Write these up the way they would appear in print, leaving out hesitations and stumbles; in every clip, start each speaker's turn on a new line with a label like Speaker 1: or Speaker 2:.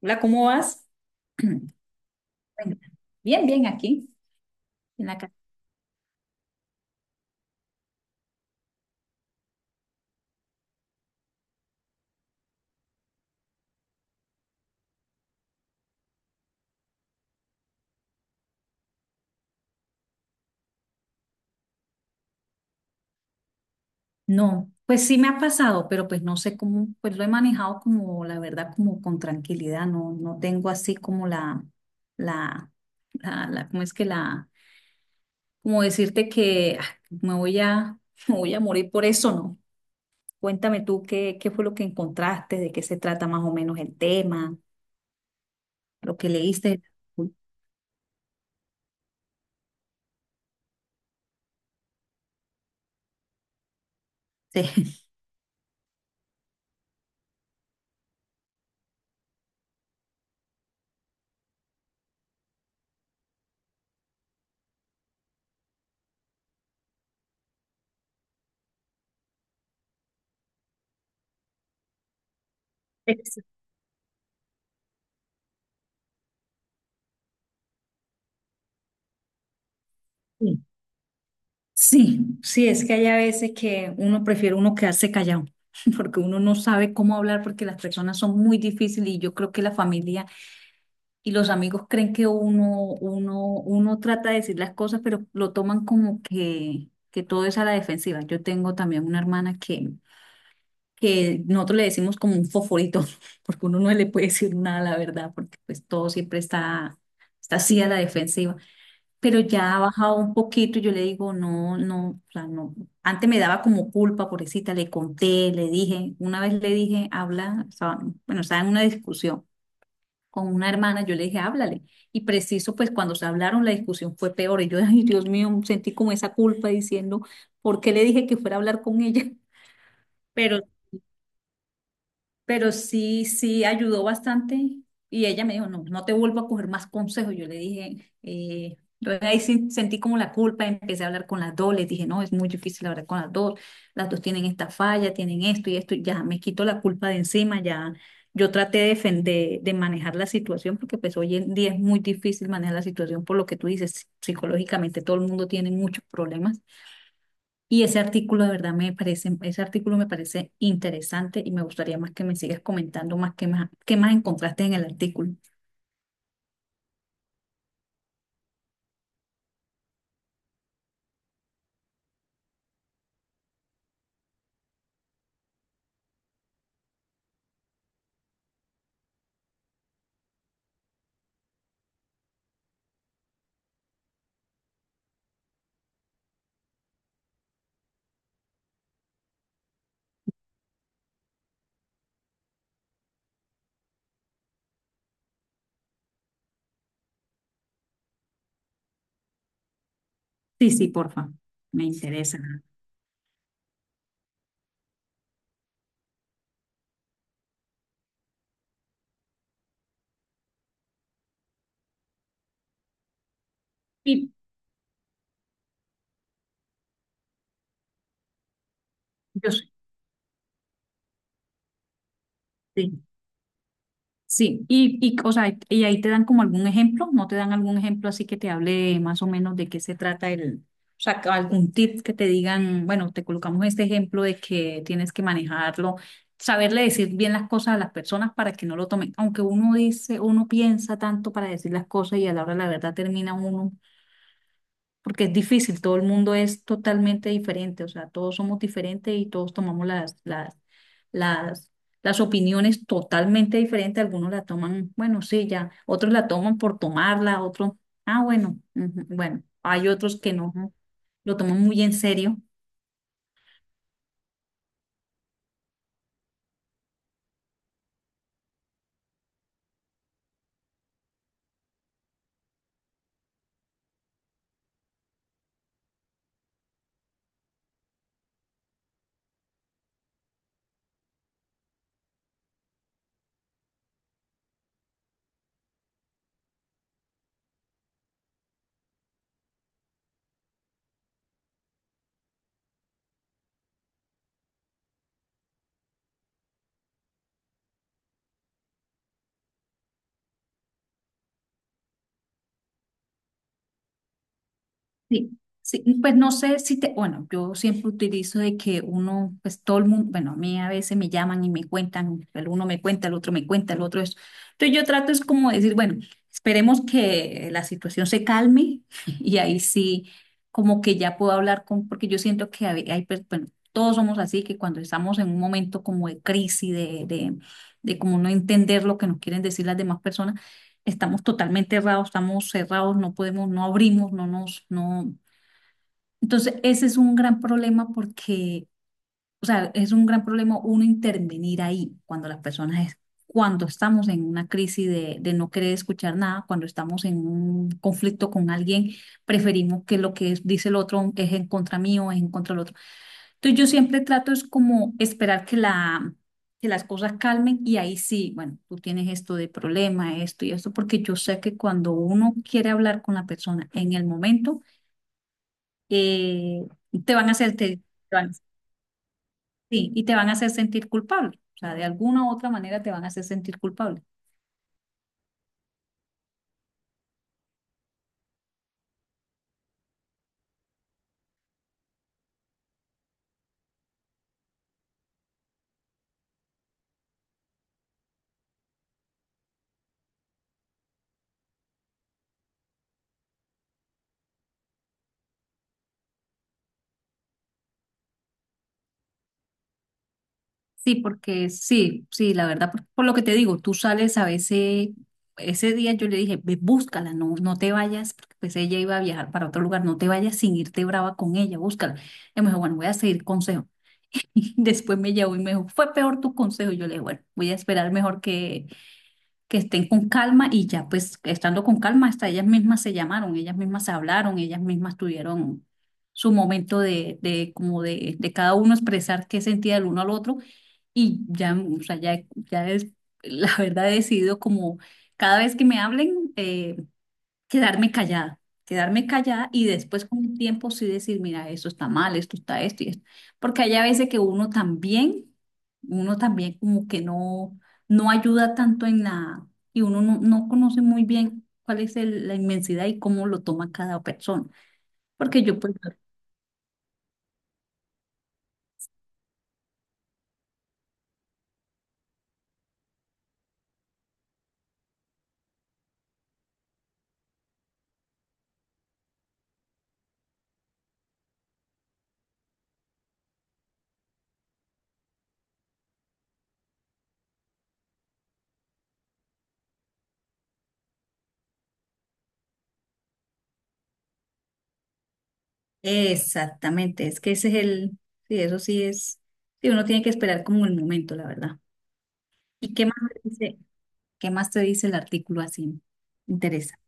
Speaker 1: Hola, ¿cómo vas? Bueno, bien, bien, aquí en la casa. No, pues sí me ha pasado, pero pues no sé cómo, pues lo he manejado como, la verdad, como con tranquilidad, no, no tengo así como la, ¿cómo es que como decirte que me voy a, me voy a morir por eso, ¿no? Cuéntame tú qué fue lo que encontraste, de qué se trata más o menos el tema, lo que leíste. Sí. Sí. Sí, sí, es que hay a veces que uno prefiere uno quedarse callado, porque uno no sabe cómo hablar, porque las personas son muy difíciles y yo creo que la familia y los amigos creen que uno trata de decir las cosas, pero lo toman como que todo es a la defensiva. Yo tengo también una hermana que nosotros le decimos como un foforito, porque uno no le puede decir nada, la verdad, porque pues todo siempre está así a la defensiva, pero ya ha bajado un poquito y yo le digo, no, no, o sea, no. Antes me daba como culpa, pobrecita, le conté, le dije, una vez le dije, habla, bueno, estaba en una discusión con una hermana, yo le dije, háblale. Y preciso, pues cuando se hablaron, la discusión fue peor. Y yo, ay, Dios mío, sentí como esa culpa diciendo, ¿por qué le dije que fuera a hablar con ella? Pero pero sí, sí ayudó bastante. Y ella me dijo, no, no te vuelvo a coger más consejos. Yo le dije, ahí sí sentí como la culpa, empecé a hablar con las dos, les dije, no, es muy difícil hablar con las dos tienen esta falla, tienen esto y esto, y ya me quito la culpa de encima, ya yo traté de manejar la situación, porque pues hoy en día es muy difícil manejar la situación por lo que tú dices, psicológicamente todo el mundo tiene muchos problemas. Y ese artículo de verdad me parece, ese artículo me parece interesante y me gustaría más que me sigas comentando más qué más encontraste en el artículo. Sí, sí, porfa, me interesa. Y yo sí. Sí, y, o sea, y ahí te dan como algún ejemplo, ¿no te dan algún ejemplo así que te hable más o menos de qué se trata o sea, que algún tip que te digan, bueno, te colocamos este ejemplo de que tienes que manejarlo, saberle decir bien las cosas a las personas para que no lo tomen, aunque uno dice, uno piensa tanto para decir las cosas y a la hora de la verdad termina uno porque es difícil, todo el mundo es totalmente diferente, o sea, todos somos diferentes y todos tomamos las, las opiniones totalmente diferentes, algunos la toman, bueno, sí, ya, otros la toman por tomarla, otros, ah, bueno, ujú, bueno, hay otros que no, lo toman muy en serio. Sí, sí, pues no sé si te, bueno, yo siempre utilizo de que uno, pues todo el mundo, bueno, a mí a veces me llaman y me cuentan, el uno me cuenta, el otro me cuenta, el otro es. Entonces yo trato es como decir, bueno, esperemos que la situación se calme y ahí sí, como que ya puedo hablar con, porque yo siento que bueno, todos somos así, que cuando estamos en un momento como de crisis, de como no entender lo que nos quieren decir las demás personas, estamos totalmente errados, estamos cerrados, no podemos, no abrimos, no nos, no. Entonces, ese es un gran problema porque, o sea, es un gran problema uno intervenir ahí cuando las personas es, cuando estamos en una crisis de no querer escuchar nada, cuando estamos en un conflicto con alguien, preferimos que dice el otro es en contra mío, es en contra del otro. Entonces, yo siempre trato es como esperar que la que las cosas calmen y ahí sí, bueno, tú tienes esto de problema, esto y esto, porque yo sé que cuando uno quiere hablar con la persona en el momento eh, te van a hacer, te van- sí, y te van a hacer sentir culpable. O sea, de alguna u otra manera te van a hacer sentir culpable. Sí, porque sí, sí, la verdad, por lo que te digo, tú sales a veces, ese día yo le dije, ve, búscala, no, no te vayas, porque pues ella iba a viajar para otro lugar, no te vayas sin irte brava con ella, búscala. Y me dijo, bueno, voy a seguir consejo. Después me llamó y me dijo, fue peor tu consejo. Yo le dije, bueno, voy a esperar mejor que estén con calma y ya pues estando con calma, hasta ellas mismas se llamaron, ellas mismas se hablaron, ellas mismas tuvieron su momento de cada uno expresar qué sentía el uno al otro y ya, o sea, ya es, la verdad he decidido como cada vez que me hablen, quedarme callada, quedarme callada y después con el tiempo sí decir, mira, esto está mal, esto está esto y esto. Porque hay a veces que uno también como que no, no ayuda tanto en la, y uno no, no conoce muy bien cuál es la inmensidad y cómo lo toma cada persona. Porque yo, pues, exactamente, es que ese es el, sí, eso sí es, sí, uno tiene que esperar como el momento, la verdad. ¿Y qué más te dice, qué más te dice el artículo así? Interesa.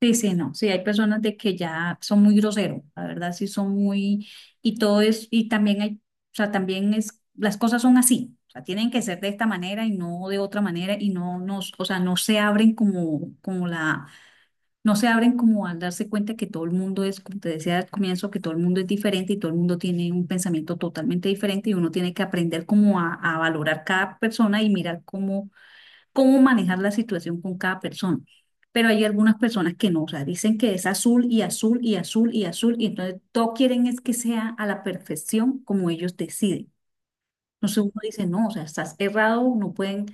Speaker 1: Sí, sí, no, sí, hay personas de que ya son muy groseros, la verdad, sí son muy, y todo es, y también hay, o sea, también es, las cosas son así, o sea, tienen que ser de esta manera y no de otra manera, y no nos, o sea, no se abren como, como la, no se abren como al darse cuenta que todo el mundo es, como te decía al comienzo, que todo el mundo es diferente y todo el mundo tiene un pensamiento totalmente diferente y uno tiene que aprender como a valorar cada persona y mirar cómo cómo manejar la situación con cada persona. Pero hay algunas personas que no, o sea, dicen que es azul y azul y azul y azul, y entonces todo quieren es que sea a la perfección como ellos deciden. Entonces uno dice, no, o sea, estás errado, uno pueden,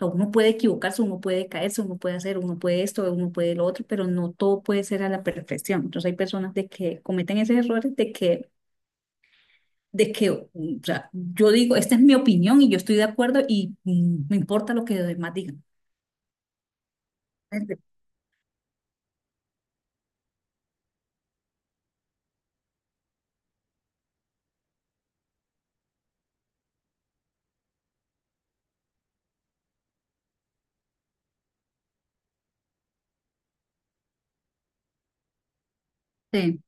Speaker 1: o uno puede equivocarse, uno puede caerse, uno puede hacer, uno puede esto, uno puede lo otro, pero no todo puede ser a la perfección. Entonces hay personas de que cometen esos errores de que mm, o sea, yo digo, esta es mi opinión y yo estoy de acuerdo y mm, me importa lo que los demás digan. Sí.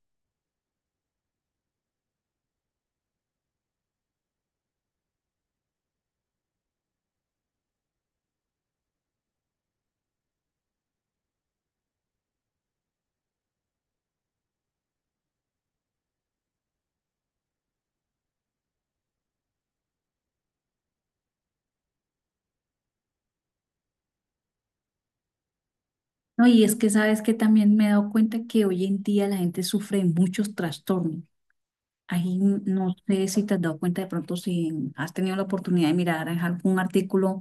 Speaker 1: No, y es que sabes que también me he dado cuenta que hoy en día la gente sufre de muchos trastornos. No sé si te has dado cuenta de pronto si has tenido la oportunidad de mirar en algún artículo,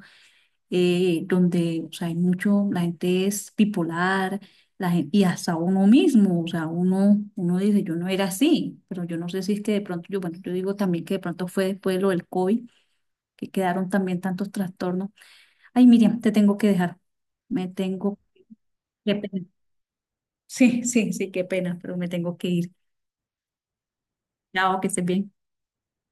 Speaker 1: donde o sea, hay mucho, la gente es bipolar, la gente, y hasta uno mismo, o sea, uno dice, yo no era así, pero yo no sé si es que de pronto, yo, bueno, yo digo también que de pronto fue después de lo del COVID, que quedaron también tantos trastornos. Ay, Miriam, te tengo que dejar, me tengo que sí, sí, sí, qué pena, pero me tengo que ir. Chao, que estés bien.